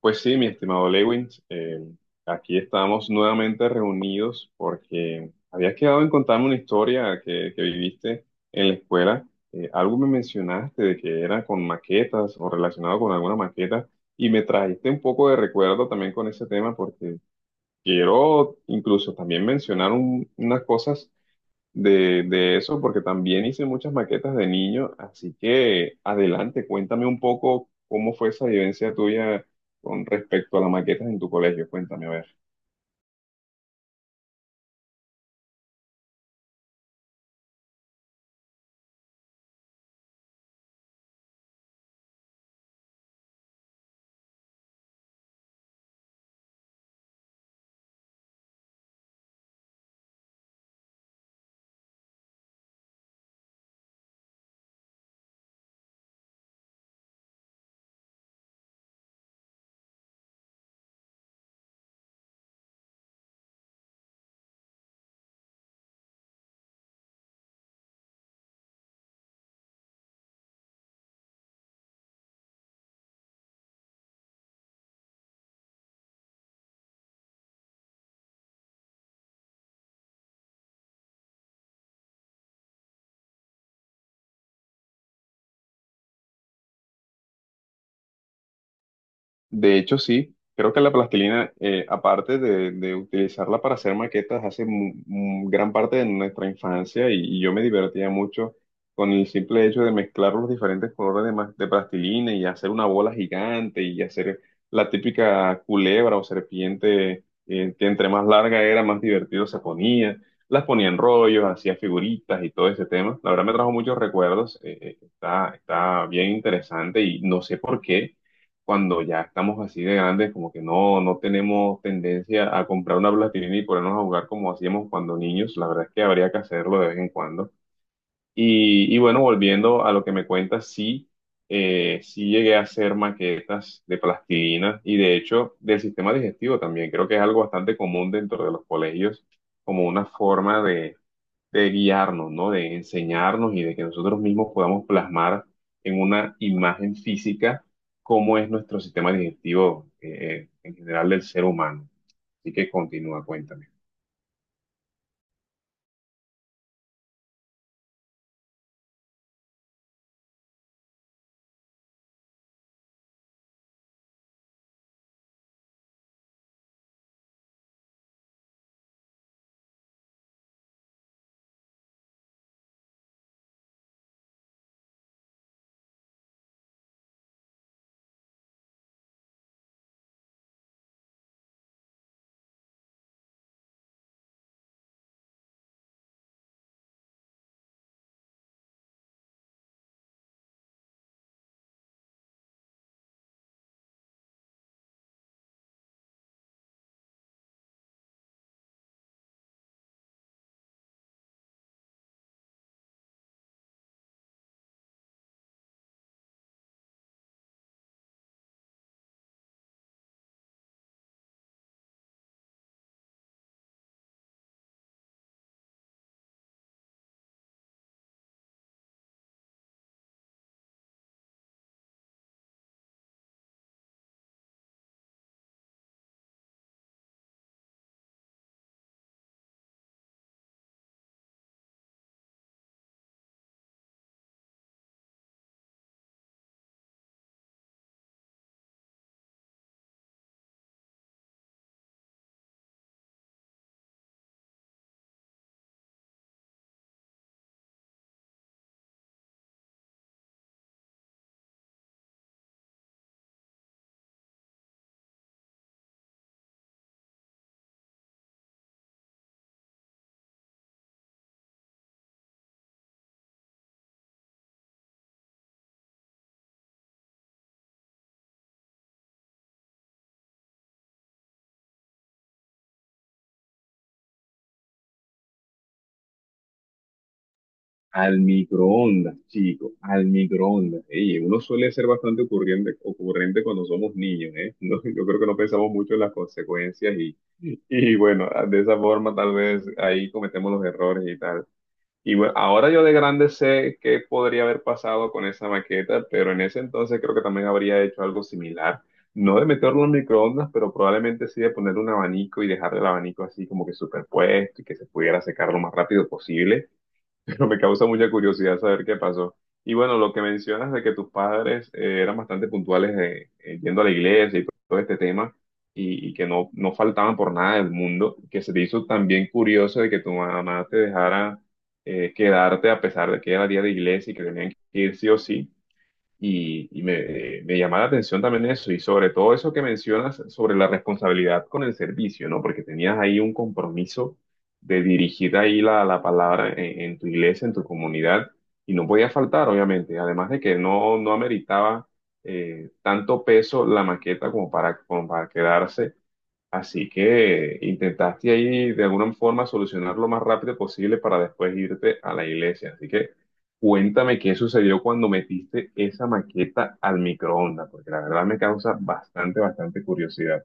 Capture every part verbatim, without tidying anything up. Pues sí, mi estimado Lewins, eh, aquí estamos nuevamente reunidos porque habías quedado en contarme una historia que, que viviste en la escuela. Eh, algo me mencionaste de que era con maquetas o relacionado con alguna maqueta, y me trajiste un poco de recuerdo también con ese tema, porque quiero incluso también mencionar un- unas cosas de, de eso, porque también hice muchas maquetas de niño, así que adelante, cuéntame un poco cómo fue esa vivencia tuya con respecto a las maquetas en tu colegio. Cuéntame, a ver. De hecho, sí, creo que la plastilina, eh, aparte de, de utilizarla para hacer maquetas, hace mu- mu- gran parte de nuestra infancia, y, y yo me divertía mucho con el simple hecho de mezclar los diferentes colores de, ma- de plastilina y hacer una bola gigante y hacer la típica culebra o serpiente, eh, que entre más larga era, más divertido se ponía. Las ponía en rollos, hacía figuritas y todo ese tema. La verdad me trajo muchos recuerdos. Eh, eh, está, está bien interesante, y no sé por qué cuando ya estamos así de grandes, como que no, no tenemos tendencia a comprar una plastilina y ponernos a jugar como hacíamos cuando niños. La verdad es que habría que hacerlo de vez en cuando. Y, y bueno, volviendo a lo que me cuentas, sí, eh, sí llegué a hacer maquetas de plastilina, y de hecho del sistema digestivo también. Creo que es algo bastante común dentro de los colegios, como una forma de de guiarnos, ¿no? De enseñarnos y de que nosotros mismos podamos plasmar en una imagen física cómo es nuestro sistema digestivo, eh, en general del ser humano. Así que continúa, cuéntame. Al microondas, chico, al microondas. Ey, uno suele ser bastante ocurrente, ocurrente cuando somos niños, ¿eh? No, yo creo que no pensamos mucho en las consecuencias, y, y bueno, de esa forma tal vez ahí cometemos los errores y tal. Y bueno, ahora yo de grande sé qué podría haber pasado con esa maqueta, pero en ese entonces creo que también habría hecho algo similar. No de meterlo en microondas, pero probablemente sí de poner un abanico y dejar el abanico así como que superpuesto y que se pudiera secar lo más rápido posible, pero me causa mucha curiosidad saber qué pasó. Y bueno, lo que mencionas de que tus padres eh, eran bastante puntuales eh, eh, yendo a la iglesia y todo este tema, y, y que no, no faltaban por nada del mundo, que se te hizo también curioso de que tu mamá te dejara eh, quedarte a pesar de que era día de iglesia y que tenían que ir sí o sí. Y, y me, me llama la atención también eso, y sobre todo eso que mencionas sobre la responsabilidad con el servicio, ¿no? Porque tenías ahí un compromiso de dirigir ahí la, la palabra en, en tu iglesia, en tu comunidad, y no podía faltar, obviamente, además de que no, no ameritaba eh, tanto peso la maqueta como para, como para quedarse. Así que intentaste ahí de alguna forma solucionar lo más rápido posible para después irte a la iglesia. Así que cuéntame qué sucedió cuando metiste esa maqueta al microondas, porque la verdad me causa bastante, bastante curiosidad.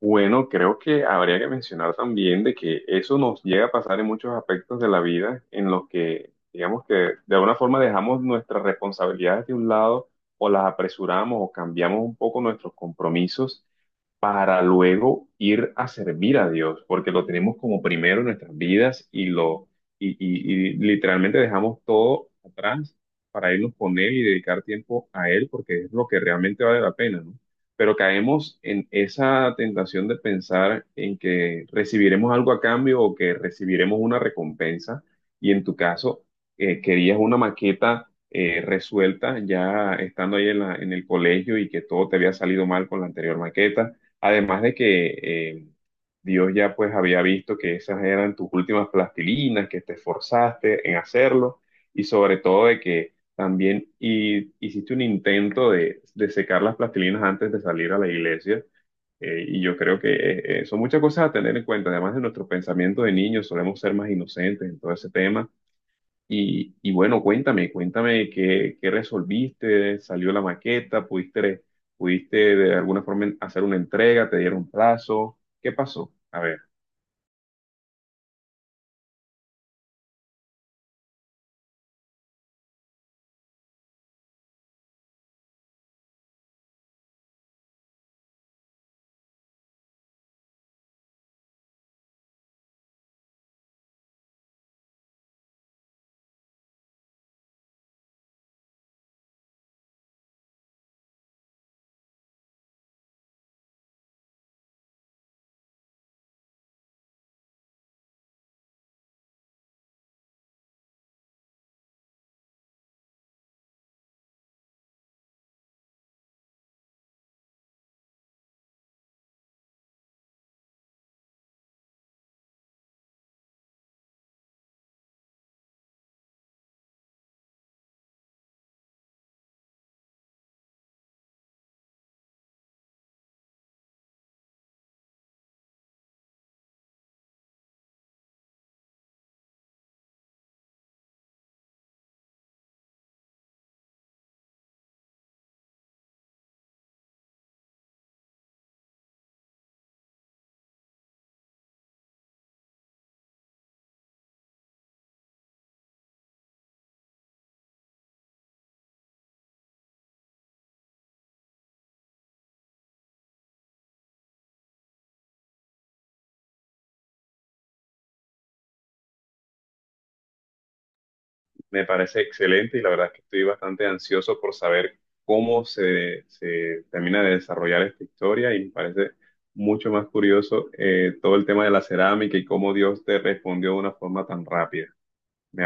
Bueno, creo que habría que mencionar también de que eso nos llega a pasar en muchos aspectos de la vida, en los que, digamos que de alguna forma dejamos nuestras responsabilidades de un lado, o las apresuramos o cambiamos un poco nuestros compromisos para luego ir a servir a Dios, porque lo tenemos como primero en nuestras vidas y lo y, y- y literalmente dejamos todo atrás para irnos con Él y dedicar tiempo a Él, porque es lo que realmente vale la pena, ¿no? Pero caemos en esa tentación de pensar en que recibiremos algo a cambio o que recibiremos una recompensa, y en tu caso, eh, querías una maqueta eh, resuelta, ya estando ahí en la- en el colegio, y que todo te había salido mal con la anterior maqueta. Además de que eh, Dios ya pues había visto que esas eran tus últimas plastilinas, que te esforzaste en hacerlo, y sobre todo de que también hi- hiciste un intento de, de secar las plastilinas antes de salir a la iglesia. Eh, y yo creo que eh, eh, son muchas cosas a tener en cuenta. Además de nuestro pensamiento de niños, solemos ser más inocentes en todo ese tema. Y, y bueno, cuéntame, cuéntame qué, qué resolviste, salió la maqueta, pudiste, pudiste de alguna forma hacer una entrega, te dieron plazo, ¿qué pasó? A ver, me parece excelente, y la verdad es que estoy bastante ansioso por saber cómo se, se termina de desarrollar esta historia, y me parece mucho más curioso eh, todo el tema de la cerámica y cómo Dios te respondió de una forma tan rápida.